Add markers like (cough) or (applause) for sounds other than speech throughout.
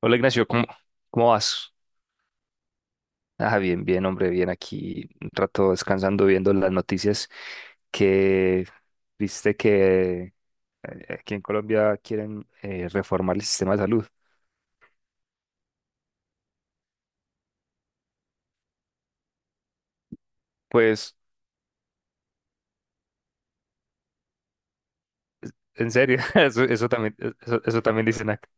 Hola Ignacio, ¿cómo vas? Ah, bien, bien, hombre, bien aquí, un rato descansando, viendo las noticias que viste que aquí en Colombia quieren reformar el sistema de salud. Pues, en serio, (laughs) eso también, eso también dicen acá.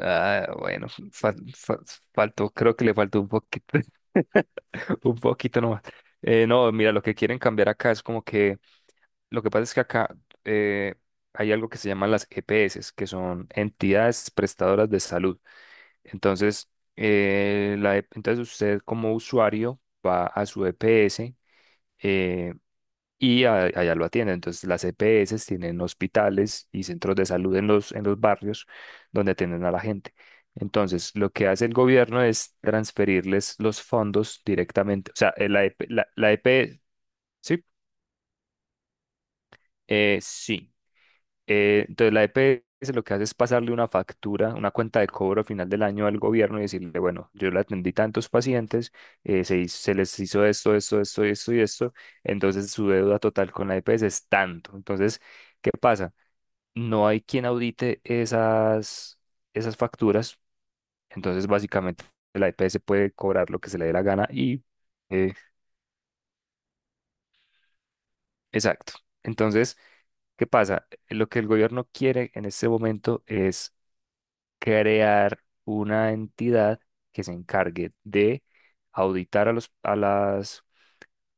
Ah, bueno, faltó, creo que le faltó un poquito, (laughs) un poquito nomás. No, mira, lo que quieren cambiar acá es como que lo que pasa es que acá eh, hay algo que se llaman las EPS, que son entidades prestadoras de salud. Entonces, entonces usted como usuario va a su EPS, eh, y allá lo atiende. Entonces, las EPS tienen hospitales y centros de salud en en los barrios donde atienden a la gente. Entonces, lo que hace el gobierno es transferirles los fondos directamente. O sea, la EP sí, sí. Entonces la EPS lo que hace es pasarle una factura, una cuenta de cobro al final del año al gobierno y decirle, bueno, yo le atendí tantos pacientes, se les hizo esto, esto, esto, esto y esto, entonces su deuda total con la EPS es tanto. Entonces, ¿qué pasa? No hay quien audite esas facturas, entonces básicamente la EPS puede cobrar lo que se le dé la gana y... eh, exacto. Entonces, ¿qué pasa? Lo que el gobierno quiere en este momento es crear una entidad que se encargue de auditar a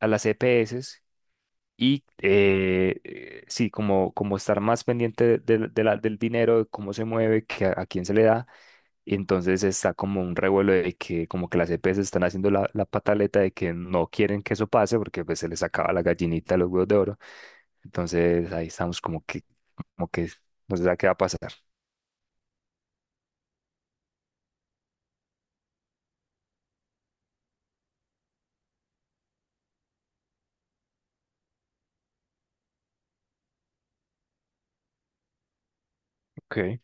a las EPS, y sí, como, como estar más pendiente del dinero, de cómo se mueve, que a quién se le da. Y entonces está como un revuelo de que como que las EPS están haciendo la pataleta de que no quieren que eso pase porque pues se les acaba la gallinita de los huevos de oro. Entonces ahí estamos como que no se sabe qué va a pasar. Ok.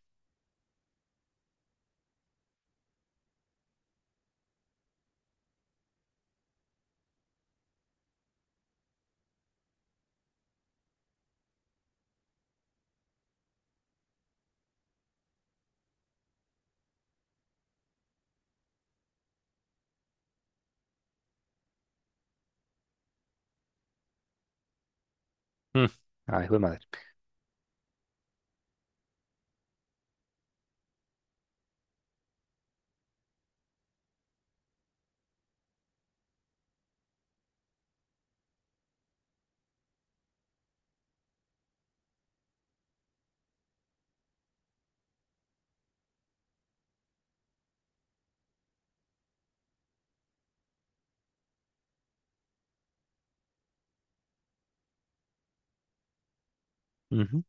Mm. Ay, hijo de madre. Ujú.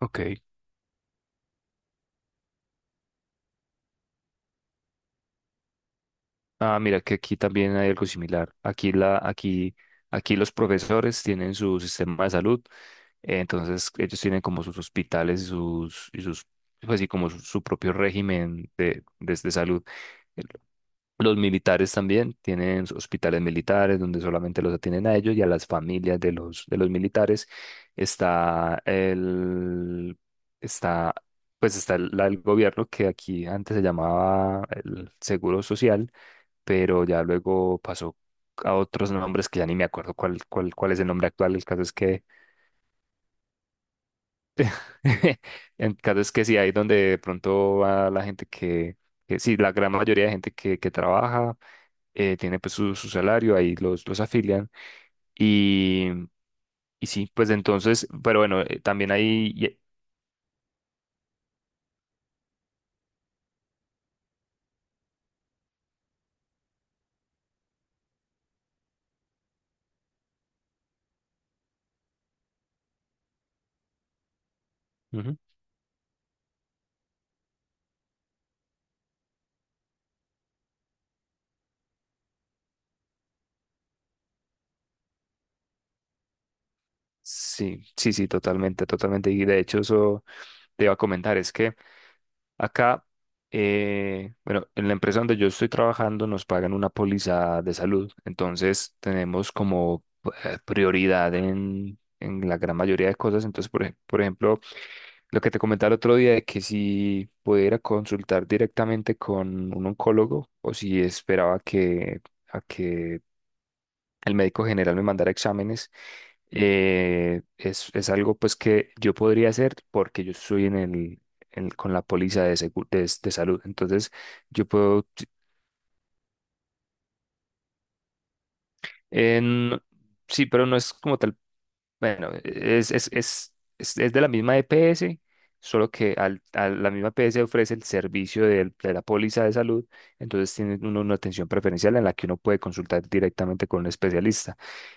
Ok. Ah, mira que aquí también hay algo similar. Aquí los profesores tienen su sistema de salud, entonces ellos tienen como sus hospitales y pues sí, como su propio régimen de salud. El- Los militares también tienen sus hospitales militares donde solamente los atienden a ellos y a las familias de de los militares. Está el, está, pues está el la del gobierno que aquí antes se llamaba el Seguro Social, pero ya luego pasó a otros nombres que ya ni me acuerdo cuál es el nombre actual. El caso es que, (laughs) el caso es que sí, ahí donde de pronto va la gente que sí, la gran mayoría de gente que trabaja, tiene pues su salario, ahí los afilian. Y, y sí, pues entonces, pero bueno, también ahí... y- Ujú. Sí, sí, sí, totalmente, totalmente. Y de hecho eso te iba a comentar, es que Acá, bueno, en la empresa donde yo estoy trabajando nos pagan una póliza de salud, entonces tenemos como prioridad en la gran mayoría de cosas. Entonces, por ejemplo, lo que te comentaba el otro día de que si pudiera consultar directamente con un oncólogo o si esperaba a que el médico general me mandara exámenes, es algo pues que yo podría hacer porque yo estoy en con la póliza de salud. Entonces, yo puedo, en- sí, pero no es como tal. Bueno, es de la misma EPS, solo que a la misma EPS ofrece el servicio la póliza de salud, entonces tiene uno una atención preferencial en la que uno puede consultar directamente con un especialista,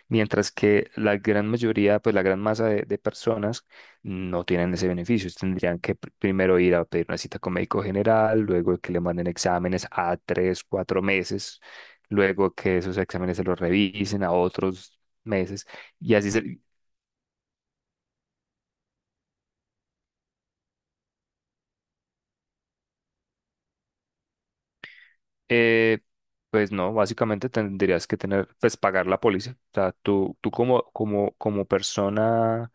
mientras que la gran mayoría, pues la gran masa de personas no tienen ese beneficio, tendrían que primero ir a pedir una cita con médico general, luego que le manden exámenes a tres, cuatro meses, luego que esos exámenes se los revisen a otros meses. Y así, se- Eh, pues no, básicamente tendrías que tener, pues pagar la póliza. O sea, tú como, como persona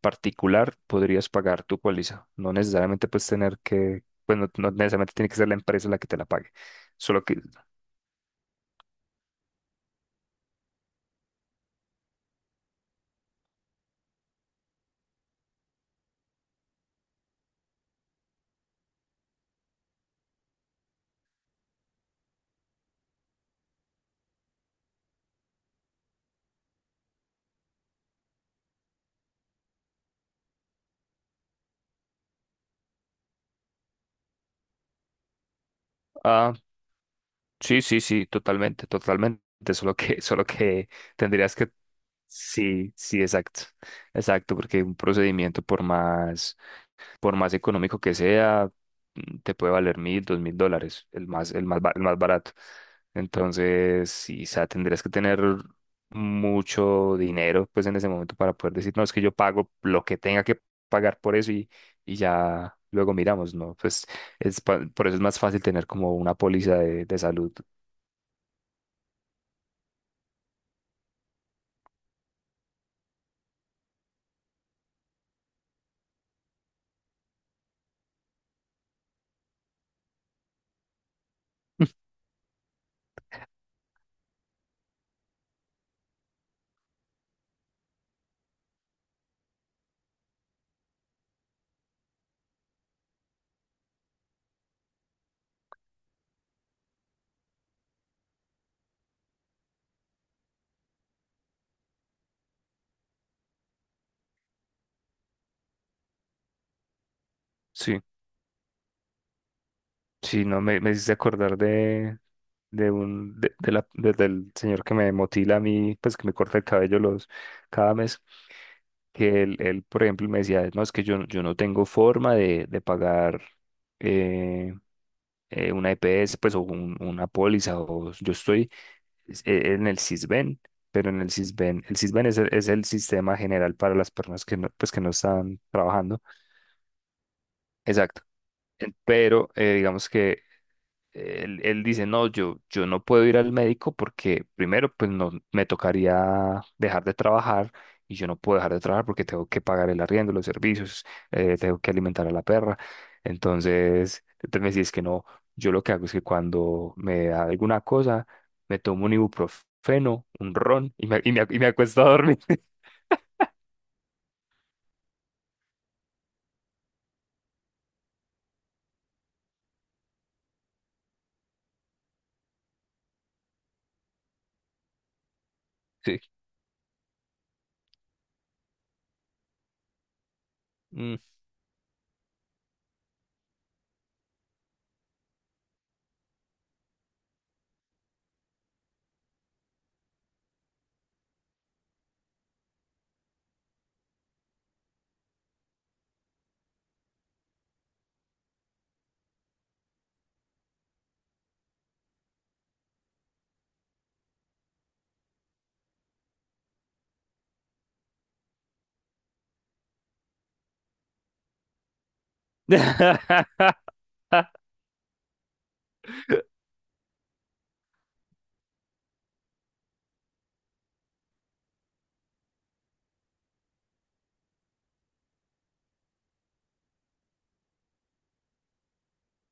particular podrías pagar tu póliza. No necesariamente pues tener que, pues no, no necesariamente tiene que ser la empresa la que te la pague. Solo que, ah, sí, sí, sí, totalmente, totalmente. Solo que, (laughs) solo que tendrías que, sí, sí, exacto. Exacto, porque un procedimiento por más, por más económico que sea, mm, te puede valer $1.000, $2.000, el más, el más barato. Entonces, sí, o sea tendrías que tener mucho dinero, pues en ese momento para poder decir, no, es que yo pago lo que tenga que pagar por eso y ya luego miramos, ¿no? Pues es, por eso es más fácil tener como una póliza de salud. Sí, sí, no, me hiciste acordar de un, de la, de- del señor que me motila a mí, pues que me corta el cabello cada mes. Que él, por ejemplo, me decía, no, es que yo, yo no tengo forma de pagar eh, una EPS, pues, o una póliza, o yo estoy en el Sisbén, pero en el Sisbén es el sistema general para las personas que no, pues, que no están trabajando. Exacto. En- Pero digamos que él, dice, no, yo no puedo ir al médico porque primero, pues no, me tocaría dejar de trabajar y yo no puedo dejar de trabajar porque tengo que pagar el arriendo, los servicios, tengo que alimentar a la perra. Entonces, entonces me decía, es que no, yo lo que hago es que cuando me da alguna cosa, me tomo un ibuprofeno, un ron y y me acuesto a dormir. (laughs) Sí. Mm. (laughs)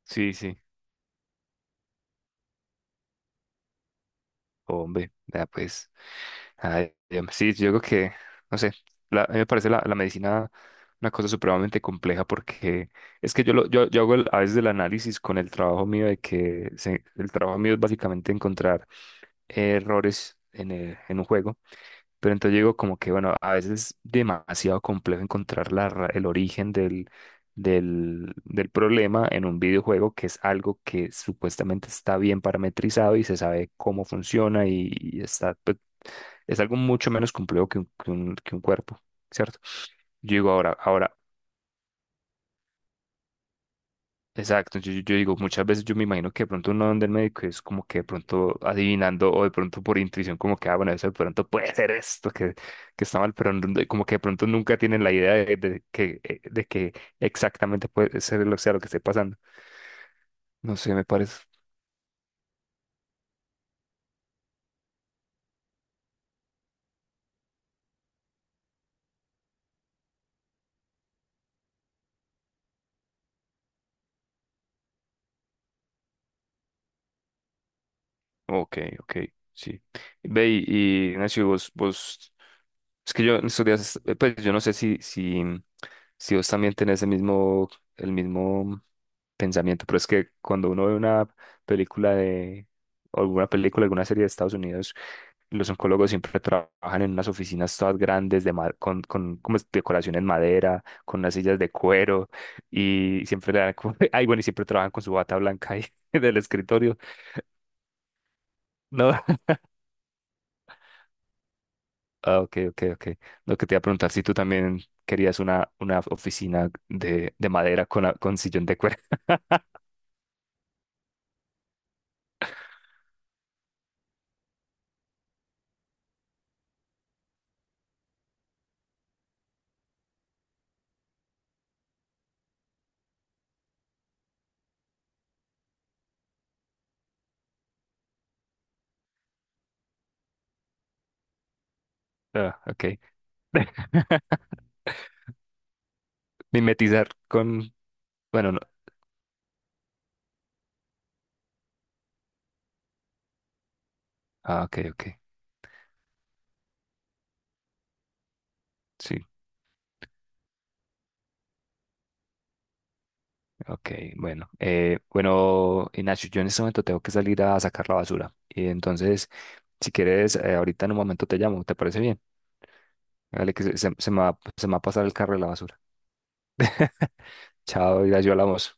Sí, sí. Hombre, ya pues, ay, sí, yo creo que, no sé, la- a mí me parece la medicina una cosa supremamente compleja porque es que yo, lo, yo hago a veces el análisis con el trabajo mío de que se- el trabajo mío es básicamente encontrar errores en, en un juego. Pero entonces yo digo como que, bueno, a veces es demasiado complejo encontrar la el origen del problema en un videojuego que es algo que supuestamente está bien parametrizado y se sabe cómo funciona y está, pues, es algo mucho menos complejo que un, que un cuerpo, ¿cierto? Yo digo ahora, ahora, exacto, yo, yo digo, muchas veces yo me imagino que de pronto uno donde el médico es como que de pronto adivinando o de pronto por intuición como que, ah, bueno, eso de pronto puede ser esto que está mal, pero no- como que de pronto nunca tienen la idea de que exactamente puede ser lo, sea lo que esté pasando. No sé, me parece. Ok, ok, sí. Ve y Nacho, vos, vos, es que yo en estos días, pues yo no sé si vos también tenés el mismo pensamiento, pero es que cuando uno ve una película de, o alguna película, alguna serie de Estados Unidos, los oncólogos siempre trabajan en unas oficinas todas grandes de con como es, decoración en madera, con unas sillas de cuero y siempre le dan como- (laughs) ay, bueno, y siempre trabajan con su bata blanca ahí (laughs) del escritorio. No, ah, ok, ok, ok. Lo que te iba a preguntar, si tú también querías una oficina de madera con, con sillón de cuero. (laughs) Ah, ok. (laughs) Mimetizar con... Bueno, no. Ah, ok, ok. Sí, ok, bueno. Bueno, Ignacio, yo en este momento tengo que salir a sacar la basura. Y entonces, si quieres, ahorita en un momento te llamo, ¿te parece bien? Dale, que se me va a pasar el carro de la basura. (laughs) Chao, Ignacio, hablamos.